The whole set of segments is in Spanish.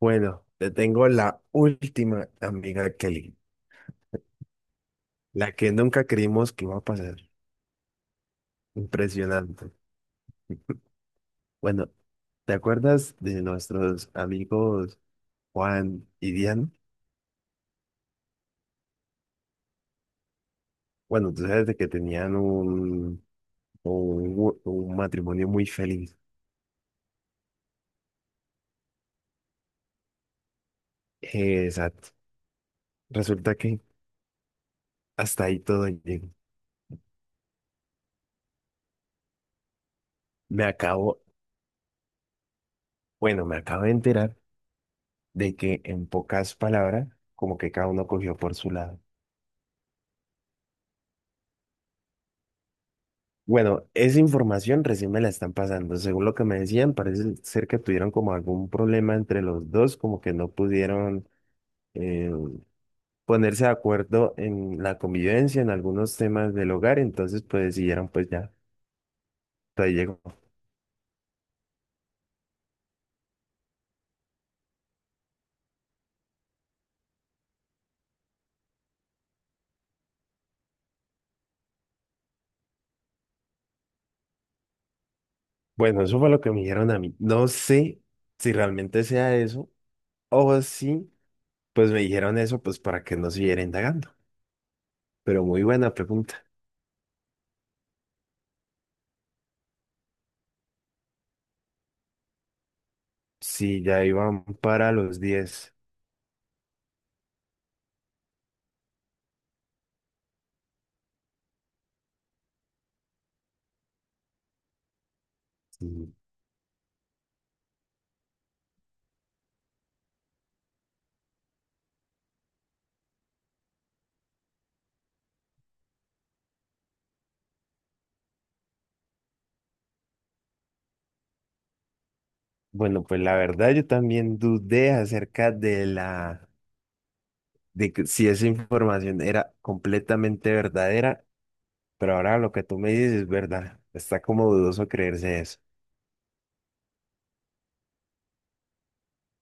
Bueno, te tengo la última, amiga Kelly, la que nunca creímos que iba a pasar. Impresionante. Bueno, ¿te acuerdas de nuestros amigos Juan y Diane? Bueno, tú sabes de que tenían un, un matrimonio muy feliz. Exacto. Resulta que hasta ahí todo llegó. Me acabo, bueno, me acabo de enterar de que en pocas palabras, como que cada uno cogió por su lado. Bueno, esa información recién me la están pasando. Según lo que me decían, parece ser que tuvieron como algún problema entre los dos, como que no pudieron eh, ponerse de acuerdo en la convivencia, en algunos temas del hogar, entonces pues decidieron pues ya, hasta ahí llegó. Bueno, eso fue lo que me dijeron a mí. No sé si realmente sea eso o si pues me dijeron eso pues para que no siguiera indagando. Pero muy buena pregunta. Si ya iban para los 10. Bueno, pues la verdad yo también dudé acerca de la de que si esa información era completamente verdadera, pero ahora lo que tú me dices es verdad. Está como dudoso creerse eso.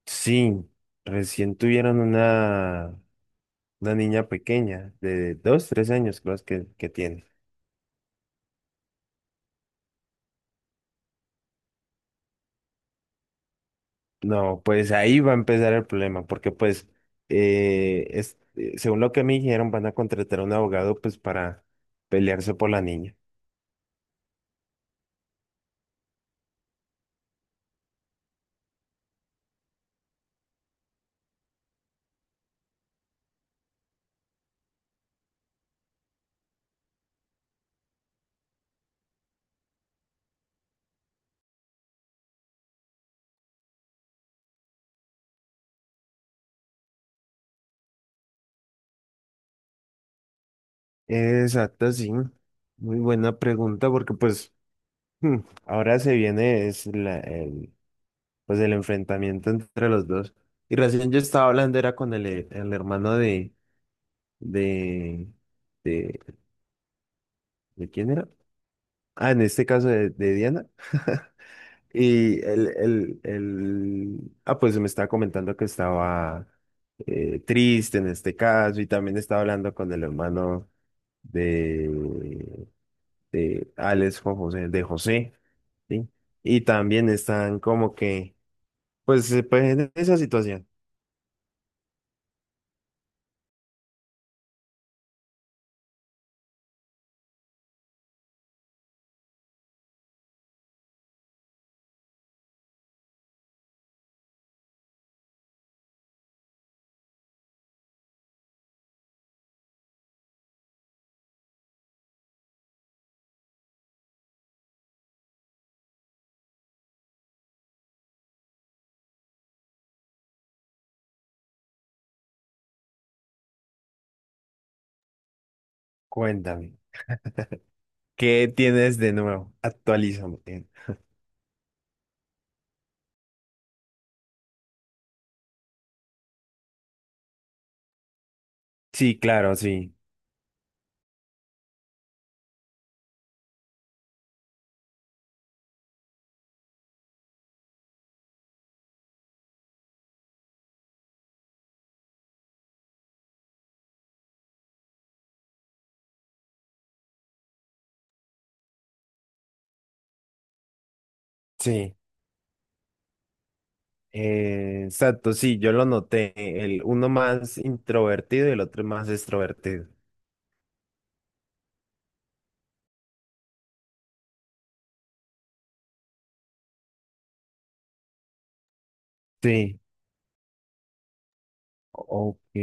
Sí, recién tuvieron una niña pequeña de 2, 3 años, creo que tiene. No, pues ahí va a empezar el problema, porque pues según lo que me dijeron, van a contratar a un abogado pues para pelearse por la niña. Exacto, sí. Muy buena pregunta porque pues hmm, ahora se viene es pues el enfrentamiento entre los dos. Y recién yo estaba hablando era con el hermano de, de, ¿de quién era? Ah, en este caso de Diana. Y pues me estaba comentando que estaba triste en este caso y también estaba hablando con el hermano de Alex Juan José, de José, ¿sí? Y también están como que, pues, pues en esa situación. Cuéntame, ¿qué tienes de nuevo? Actualízame. Sí, claro, sí, sí. Exacto, sí, yo lo noté. El uno más introvertido y el otro más extrovertido. Sí, ok.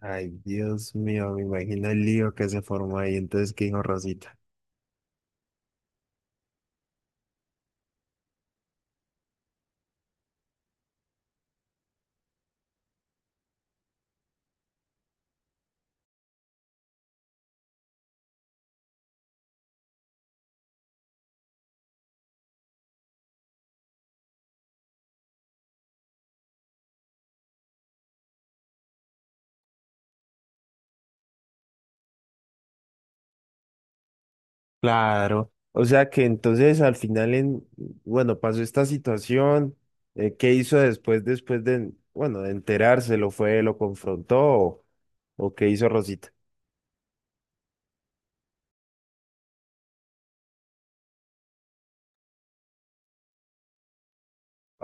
Ay, Dios mío, me imagino el lío que se formó ahí. Entonces, ¿qué dijo Rosita? Claro, o sea que entonces al final pasó esta situación, ¿qué hizo después, bueno, de enterarse, lo fue, lo confrontó o qué hizo Rosita?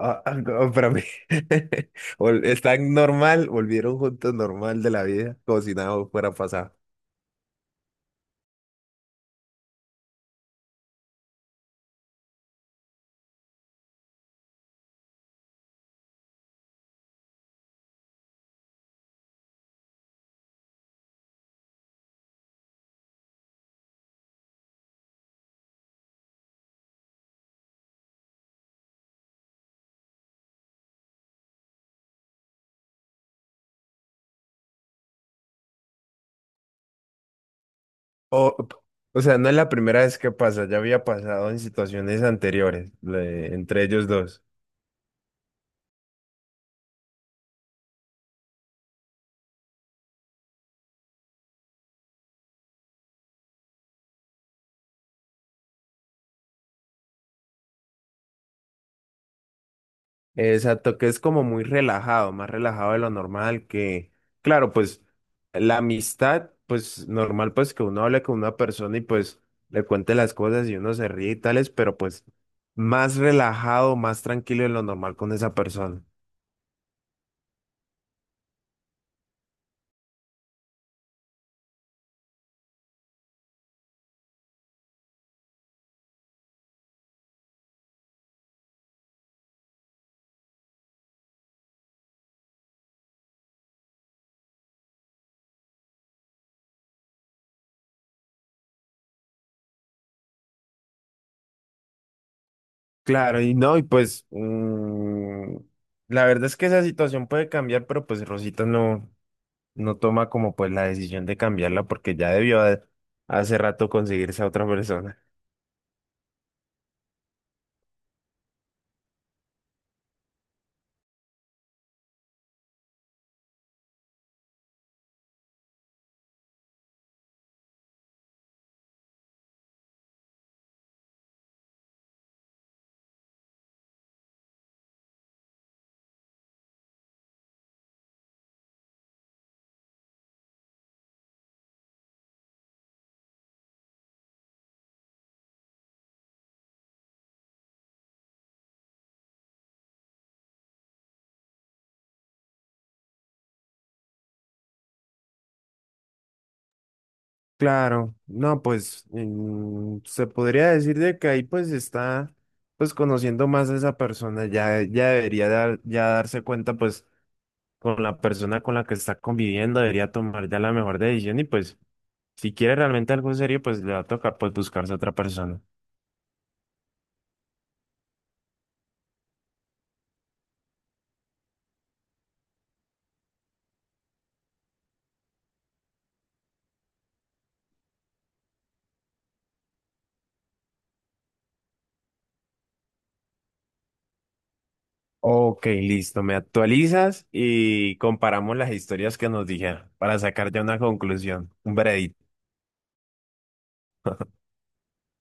Ah, ah, no, para mí, Vol- están normal, volvieron juntos normal de la vida, como si nada fuera pasado. O, o sea, no es la primera vez que pasa, ya había pasado en situaciones anteriores, le- entre ellos dos. Exacto, que es como muy relajado, más relajado de lo normal, que claro, pues la amistad, pues normal, pues que uno hable con una persona y pues le cuente las cosas y uno se ríe y tales, pero pues más relajado, más tranquilo de lo normal con esa persona. Claro, y no, y pues mm, la verdad es que esa situación puede cambiar, pero pues Rosita no, no toma como pues la decisión de cambiarla porque ya debió de- hace rato conseguirse a otra persona. Claro, no, pues mm, se podría decir de que ahí pues está pues conociendo más a esa persona, ya, ya debería dar, ya darse cuenta pues con la persona con la que está conviviendo, debería tomar ya la mejor decisión y pues si quiere realmente algo serio pues le va a tocar pues buscarse otra persona. Ok, listo, me actualizas y comparamos las historias que nos dijeron para sacar ya una conclusión, un veredicto.